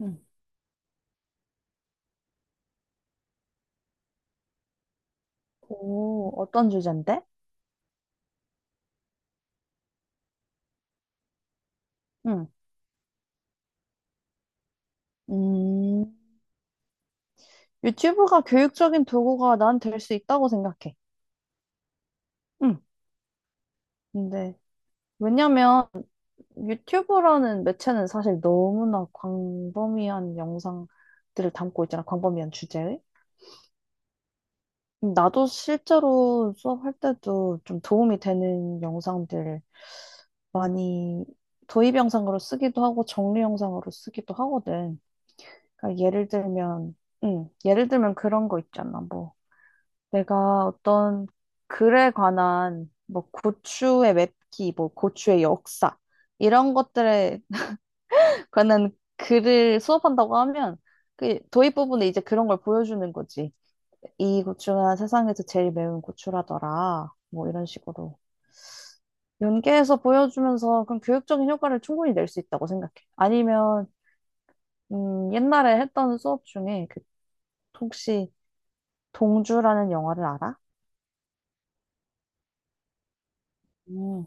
응. 오, 어떤 주제인데? 응. 음, 유튜브가 교육적인 도구가 난 될 수 있다고 생각해. 응. 근데, 왜냐면 유튜브라는 매체는 사실 너무나 광범위한 영상들을 담고 있잖아. 광범위한 주제의. 나도 실제로 수업할 때도 좀 도움이 되는 영상들 많이 도입 영상으로 쓰기도 하고 정리 영상으로 쓰기도 하거든. 그러니까 예를 들면, 응, 예를 들면 그런 거 있잖아. 뭐. 내가 어떤 글에 관한 뭐 고추의 맵기, 뭐 고추의 역사 이런 것들에 관한 글을 수업한다고 하면 그 도입 부분에 이제 그런 걸 보여주는 거지. 이 고추가 세상에서 제일 매운 고추라더라. 뭐 이런 식으로 연계해서 보여주면서 그런 교육적인 효과를 충분히 낼 수 있다고 생각해. 아니면 옛날에 했던 수업 중에 그 혹시 동주라는 영화를 알아? 음.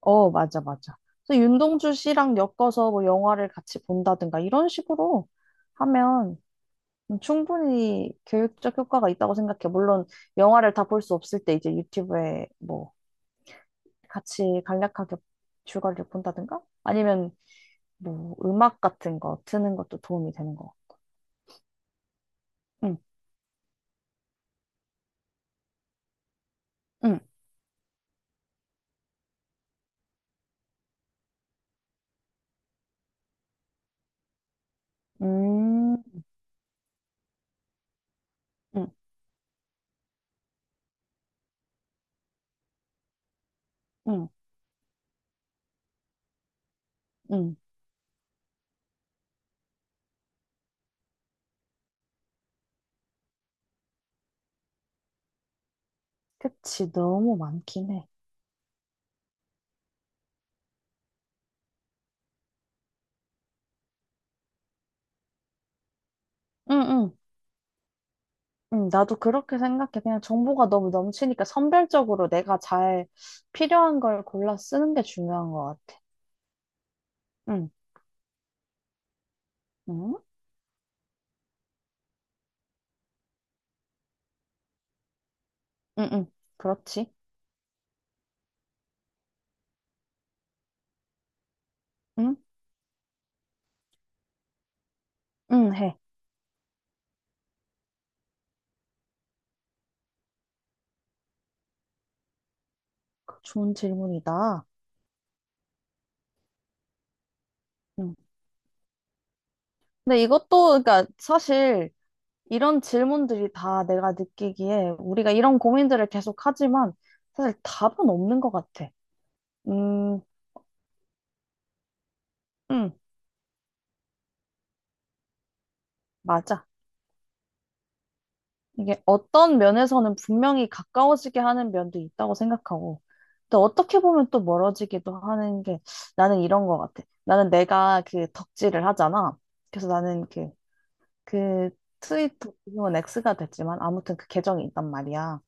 어, 맞아, 맞아. 그래서 윤동주 씨랑 엮어서 뭐 영화를 같이 본다든가 이런 식으로 하면 충분히 교육적 효과가 있다고 생각해. 물론 영화를 다 볼 수 없을 때 이제 유튜브에 뭐 같이 간략하게 줄거리를 본다든가 아니면 뭐 음악 같은 거 트는 것도 도움이 되는 거. 응, 응, 음, 응, 응, 응. 그치, 너무 많긴 해. 응, 응. 나도 그렇게 생각해. 그냥 정보가 너무 넘치니까 선별적으로 내가 잘 필요한 걸 골라 쓰는 게 중요한 것 같아. 응, 응, 응, 응. 그렇지. 응, 응, 해. 좋은 질문이다. 응. 근데 이것도, 그러니까 사실 이런 질문들이 다 내가 느끼기에 우리가 이런 고민들을 계속 하지만 사실 답은 없는 것 같아. 음, 응, 맞아. 이게 어떤 면에서는 분명히 가까워지게 하는 면도 있다고 생각하고, 또 어떻게 보면 또 멀어지기도 하는 게 나는 이런 것 같아. 나는 내가 그 덕질을 하잖아. 그래서 나는 그, 그 트위터, 지금은 X가 됐지만 아무튼 그 계정이 있단 말이야.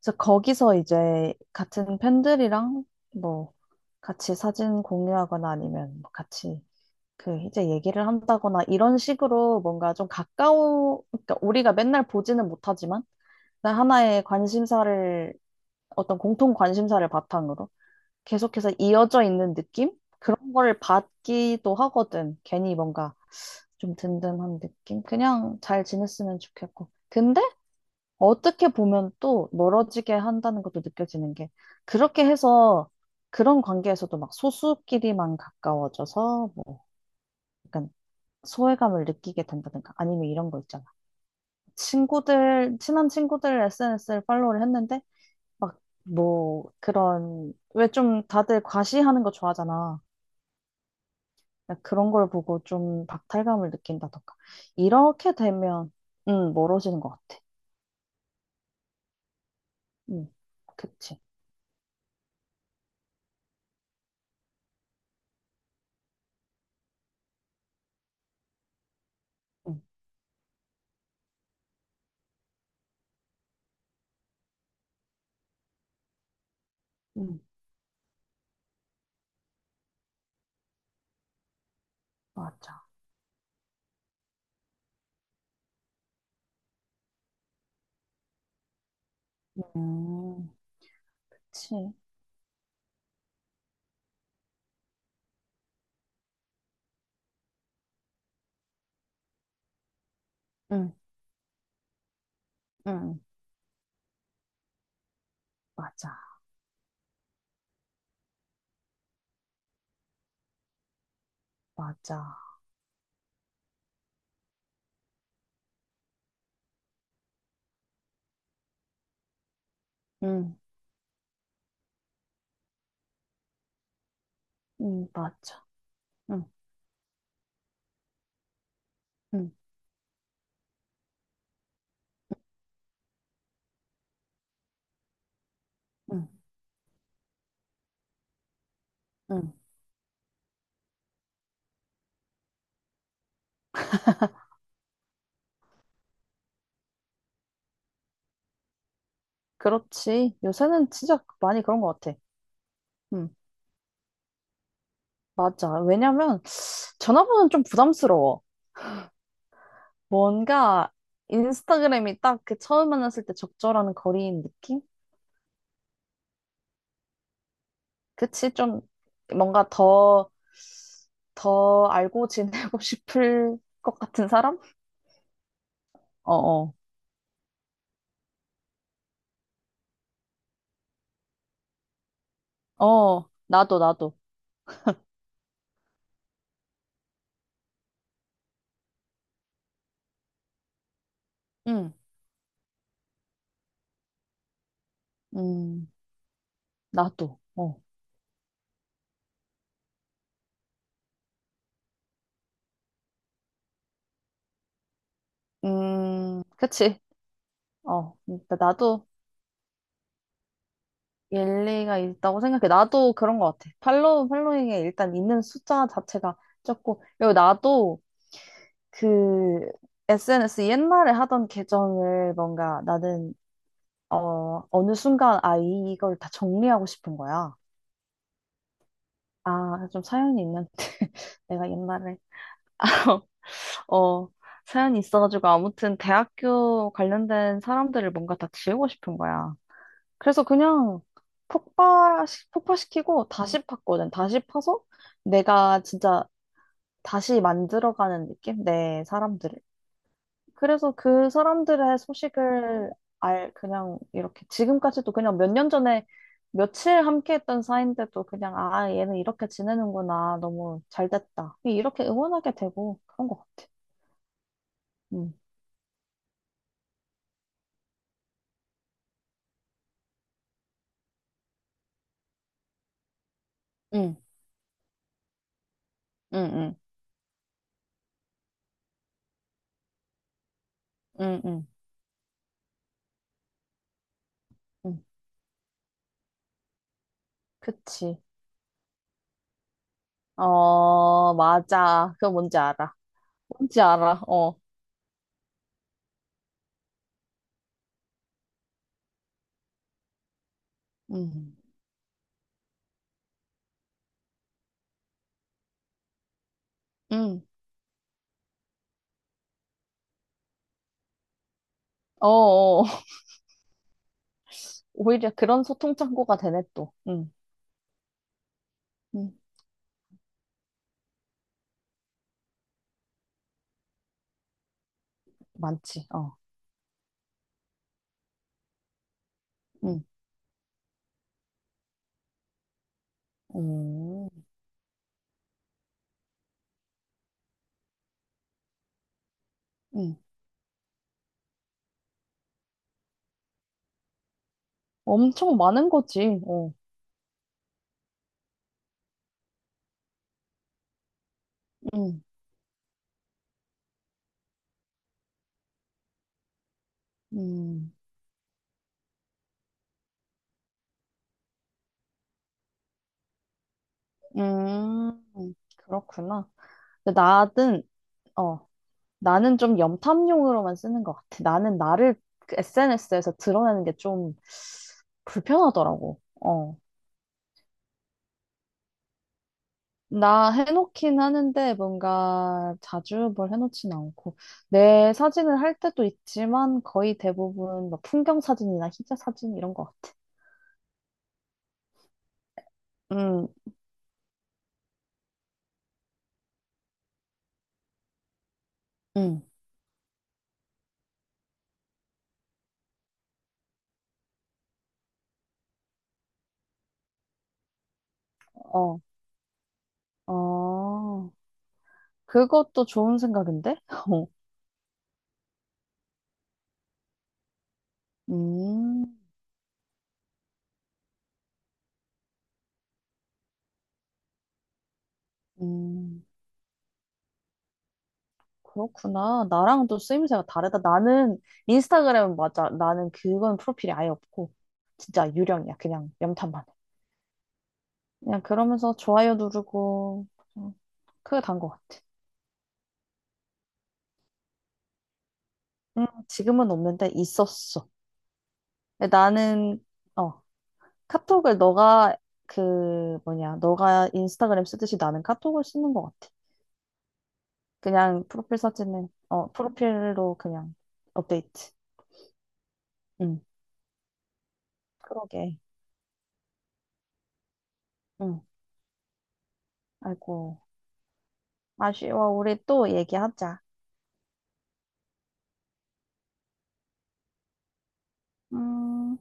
그래서 거기서 이제 같은 팬들이랑 뭐 같이 사진 공유하거나 아니면 뭐 같이 그 이제 얘기를 한다거나 이런 식으로 뭔가 좀 가까워, 그러니까 우리가 맨날 보지는 못하지만 나 하나의 관심사를, 어떤 공통 관심사를 바탕으로 계속해서 이어져 있는 느낌? 그런 거를 받기도 하거든. 괜히 뭔가 좀 든든한 느낌? 그냥 잘 지냈으면 좋겠고. 근데 어떻게 보면 또 멀어지게 한다는 것도 느껴지는 게 그렇게 해서 그런 관계에서도 막 소수끼리만 가까워져서 뭐 약간 소외감을 느끼게 된다든가 아니면 이런 거 있잖아. 친구들, 친한 친구들 SNS를 팔로우를 했는데 막, 뭐, 그런, 왜 좀 다들 과시하는 거 좋아하잖아. 그러니까 그런 걸 보고 좀 박탈감을 느낀다던가. 이렇게 되면, 멀어지는 것 같아. 음, 그치. 음, 음, 맞아. 음, 그치. 음, 음, 맞아. 맞아. 음, 맞아. 음, 음, 음, 음. 그렇지. 요새는 진짜 많이 그런 것 같아. 음, 맞아. 왜냐면, 전화번호는 좀 부담스러워. 뭔가 인스타그램이 딱 그 처음 만났을 때 적절한 거리인 느낌? 그치? 좀 뭔가 더, 더 알고 지내고 싶을 것 같은 사람? 어 어. 어, 어, 나도, 나도. 응, 음, 나도. 어. 그치? 어, 그러니까 나도. 일리가 있다고 생각해. 나도 그런 것 같아. 팔로우, 팔로잉에 일단 있는 숫자 자체가 적고, 그리고 나도 그 SNS 옛날에 하던 계정을 뭔가 나는, 어, 어느 순간, 아, 이걸 다 정리하고 싶은 거야. 아, 좀 사연이 있는데. 내가 옛날에, 어, 사연이 있어가지고, 아무튼 대학교 관련된 사람들을 뭔가 다 지우고 싶은 거야. 그래서 그냥 폭발, 폭발시키고 다시 팠거든. 다시 파서 내가 진짜 다시 만들어가는 느낌? 내 사람들을. 그래서 그 사람들의 소식을 알, 그냥 이렇게 지금까지도 그냥 몇 년 전에 며칠 함께 했던 사이인데도 그냥 아, 얘는 이렇게 지내는구나. 너무 잘 됐다. 이렇게 응원하게 되고 그런 것 같아. 응, 응, 응, 응, 응, 응. 응. 그치. 어, 맞아. 그거 뭔지 알아. 뭔지 알아. 어. 음, 음, 어, 어. 오히려 그런 소통 창구가 되네 또. 음, 많지. 어. 음, 음. 음, 엄청 많은 거지. 어. 음, 음, 그렇구나. 근데 나는 어, 나는 좀 염탐용으로만 쓰는 것 같아. 나는 나를 SNS에서 드러내는 게 좀 불편하더라고. 어. 나 해놓긴 하는데 뭔가 자주 뭘 해놓진 않고 내 사진을 할 때도 있지만 거의 대부분 막 풍경 사진이나 희자 사진 이런 것 같아. 응, 응, 어, 어, 그것도 좋은 생각인데? 어. 음, 음, 그렇구나. 나랑 또 쓰임새가 다르다. 나는 인스타그램은 맞아. 나는 그건 프로필이 아예 없고 진짜 유령이야. 그냥 염탐만. 해. 그냥 그러면서 좋아요 누르고 그냥 크게 단것 같아. 지금은 없는데 있었어. 근데 나는 어, 카톡을 너가 그 뭐냐, 너가 인스타그램 쓰듯이 나는 카톡을 쓰는 것 같아. 그냥 프로필 사진은 어, 프로필로 그냥 업데이트. 음, 그러게. 음, 아이고, 아쉬워. 우리 또 얘기하자. 음.